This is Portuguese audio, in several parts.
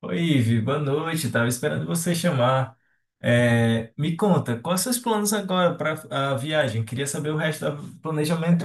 Oi, Ivi, boa noite. Tava esperando você chamar. É, me conta, quais seus planos agora para a viagem? Queria saber o resto do planejamento.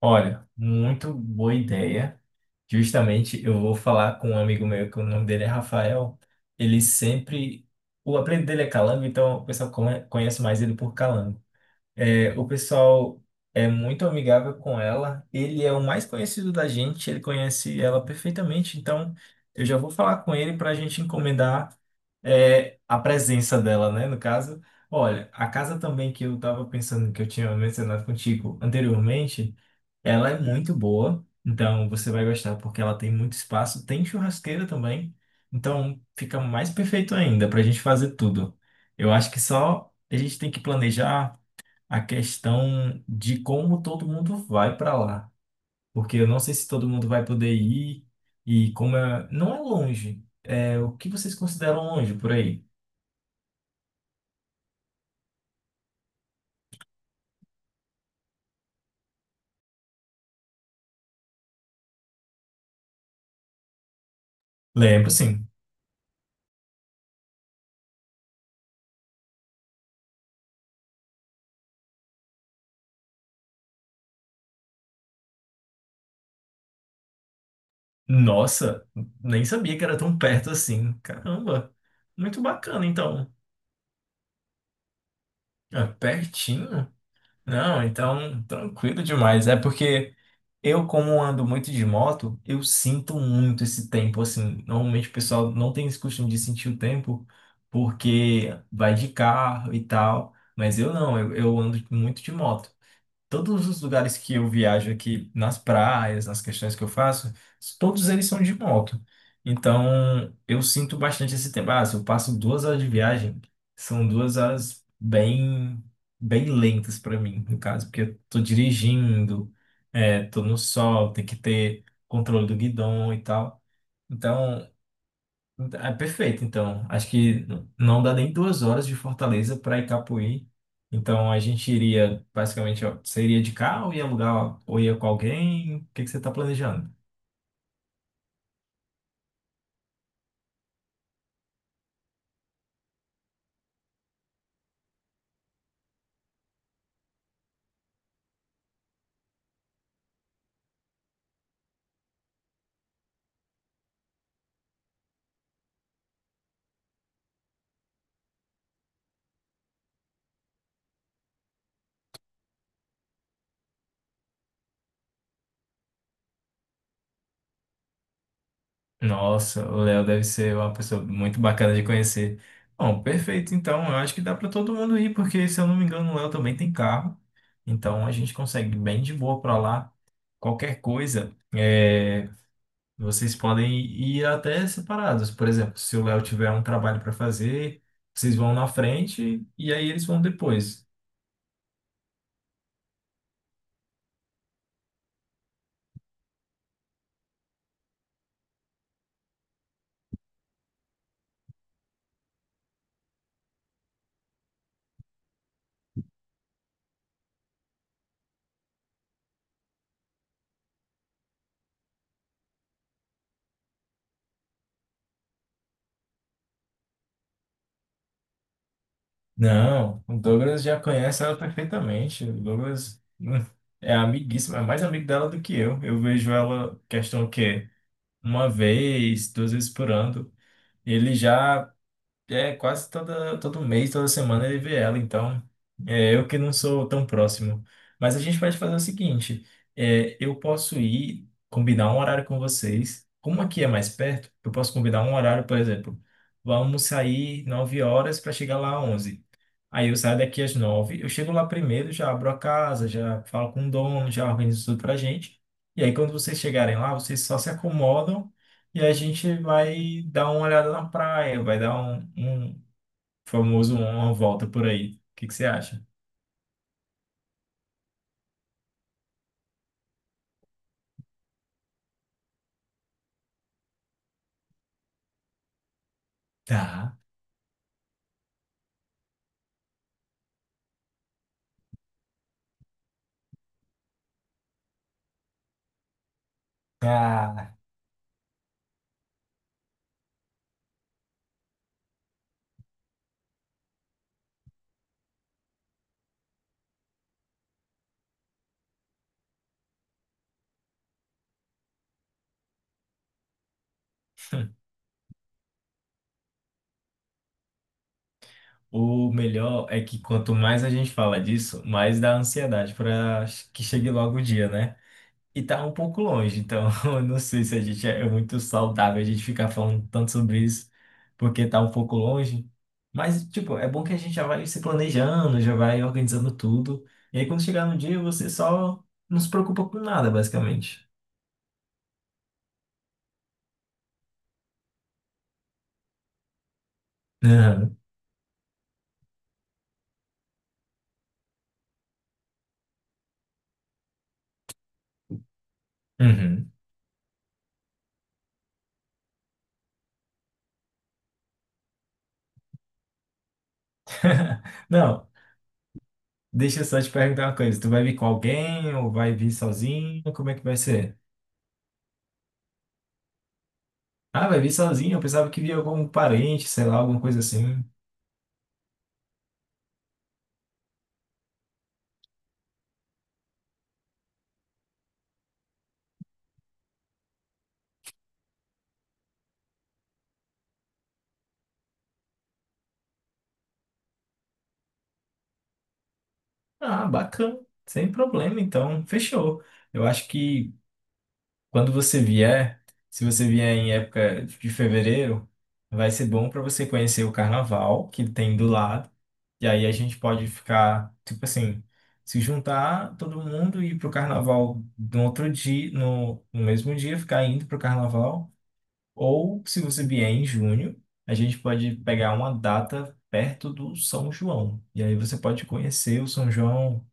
Olha, muito boa ideia. Justamente, eu vou falar com um amigo meu, que o nome dele é Rafael. Ele sempre. O apelido dele é Calango, então o pessoal conhece mais ele por Calango. É, o pessoal é muito amigável com ela. Ele é o mais conhecido da gente, ele conhece ela perfeitamente. Então, eu já vou falar com ele para a gente encomendar, a presença dela, né? No caso, olha, a casa também que eu estava pensando, que eu tinha mencionado contigo anteriormente, ela é muito boa. Então, você vai gostar porque ela tem muito espaço, tem churrasqueira também. Então, fica mais perfeito ainda para a gente fazer tudo. Eu acho que só a gente tem que planejar a questão de como todo mundo vai para lá, porque eu não sei se todo mundo vai poder ir e como é, não é longe. É, o que vocês consideram longe por aí? Lembro, sim. Nossa, nem sabia que era tão perto assim. Caramba, muito bacana, então. É, pertinho? Não, então tranquilo demais. É porque eu, como ando muito de moto, eu sinto muito esse tempo, assim. Normalmente o pessoal não tem esse costume de sentir o tempo, porque vai de carro e tal. Mas eu não, eu ando muito de moto todos os lugares que eu viajo aqui, nas praias, nas questões que eu faço, todos eles são de moto. Então, eu sinto bastante esse tempo. Ah, se eu passo 2 horas de viagem, são 2 horas bem, bem lentas para mim, no caso, porque eu tô dirigindo, tô no sol, tem que ter controle do guidão e tal. Então, é perfeito, então. Acho que não dá nem 2 horas de Fortaleza para Icapuí. Então a gente iria, basicamente, ó, você iria de carro, ia alugar ou ia com alguém? O que que você está planejando? Nossa, o Léo deve ser uma pessoa muito bacana de conhecer. Bom, perfeito, então. Eu acho que dá para todo mundo ir, porque se eu não me engano, o Léo também tem carro. Então a gente consegue bem de boa para lá. Qualquer coisa. Vocês podem ir até separados. Por exemplo, se o Léo tiver um trabalho para fazer, vocês vão na frente e aí eles vão depois. Não, o Douglas já conhece ela perfeitamente. O Douglas é amiguíssimo, é mais amigo dela do que eu. Eu vejo ela, questão o quê? Uma vez, 2 vezes por ano. Ele já é, todo mês, toda semana ele vê ela, então é eu que não sou tão próximo. Mas a gente pode fazer o seguinte: eu posso ir combinar um horário com vocês. Como aqui é mais perto, eu posso combinar um horário, por exemplo, vamos sair 9 horas para chegar lá às 11. Aí eu saio daqui às 9, eu chego lá primeiro, já abro a casa, já falo com o dono, já organizo tudo pra gente. E aí quando vocês chegarem lá, vocês só se acomodam e a gente vai dar uma olhada na praia, vai dar um famoso uma volta por aí. O que que você acha? Tá. Ah, o melhor é que quanto mais a gente fala disso, mais dá ansiedade para que chegue logo o dia, né? E tá um pouco longe, então eu não sei se a gente é muito saudável a gente ficar falando tanto sobre isso, porque tá um pouco longe. Mas, tipo, é bom que a gente já vai se planejando, já vai organizando tudo. E aí, quando chegar no dia, você só não se preocupa com nada, basicamente. Aham. Uhum. Não, deixa eu só te perguntar uma coisa. Tu vai vir com alguém ou vai vir sozinho? Como é que vai ser? Ah, vai vir sozinho? Eu pensava que via algum parente, sei lá, alguma coisa assim. Ah, bacana. Sem problema, então. Fechou. Eu acho que quando você vier, se você vier em época de fevereiro, vai ser bom para você conhecer o carnaval que tem do lado. E aí a gente pode ficar, tipo assim, se juntar todo mundo e ir pro carnaval no outro dia, no mesmo dia, ficar indo pro carnaval. Ou se você vier em junho, a gente pode pegar uma data perto do São João. E aí você pode conhecer o São João.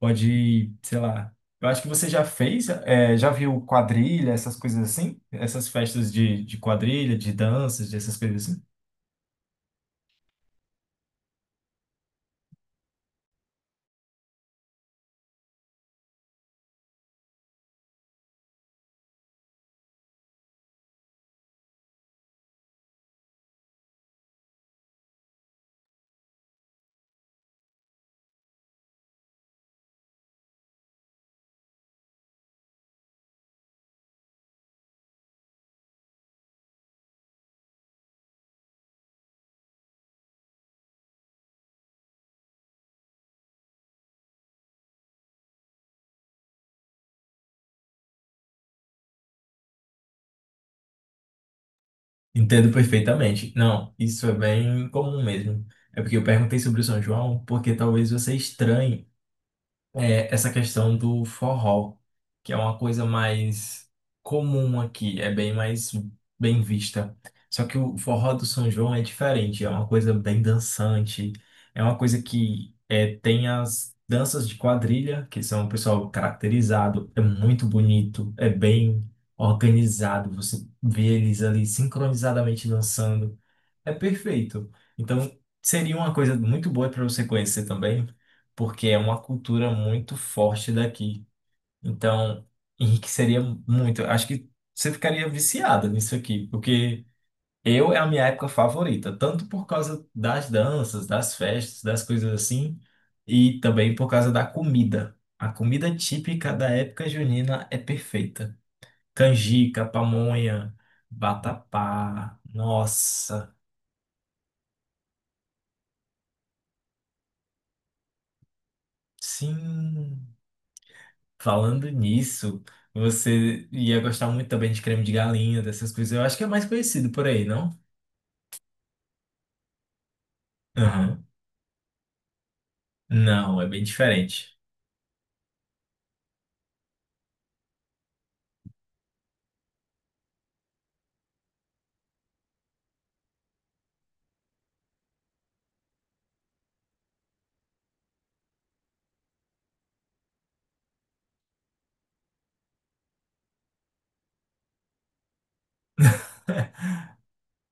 Pode, sei lá. Eu acho que você já fez, é, já viu quadrilha, essas coisas assim? Essas festas de quadrilha, de danças, dessas coisas assim? Entendo perfeitamente. Não, isso é bem comum mesmo. É porque eu perguntei sobre o São João, porque talvez você estranhe essa questão do forró, que é uma coisa mais comum aqui, é bem mais bem vista. Só que o forró do São João é diferente, é uma coisa bem dançante, é uma coisa tem as danças de quadrilha, que são o pessoal caracterizado, é muito bonito, é bem organizado, você vê eles ali sincronizadamente dançando. É perfeito. Então, seria uma coisa muito boa para você conhecer também, porque é uma cultura muito forte daqui. Então, enriqueceria muito. Acho que você ficaria viciada nisso aqui, porque eu é a minha época favorita, tanto por causa das danças, das festas, das coisas assim, e também por causa da comida. A comida típica da época junina é perfeita. Canjica, pamonha, vatapá. Nossa, sim. Falando nisso, você ia gostar muito também de creme de galinha, dessas coisas. Eu acho que é mais conhecido por aí, não? Aham. Não, é bem diferente.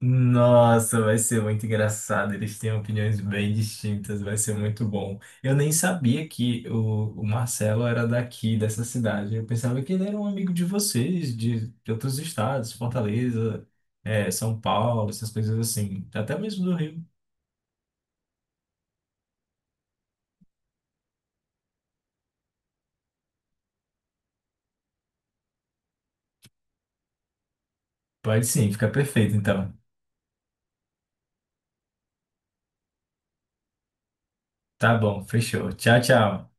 Nossa, vai ser muito engraçado. Eles têm opiniões bem distintas, vai ser muito bom. Eu nem sabia que o Marcelo era daqui, dessa cidade. Eu pensava que ele era um amigo de vocês, de outros estados, Fortaleza, São Paulo, essas coisas assim. Até mesmo do Rio. Pode sim, fica perfeito então. Tá bom, fechou. Tchau, tchau.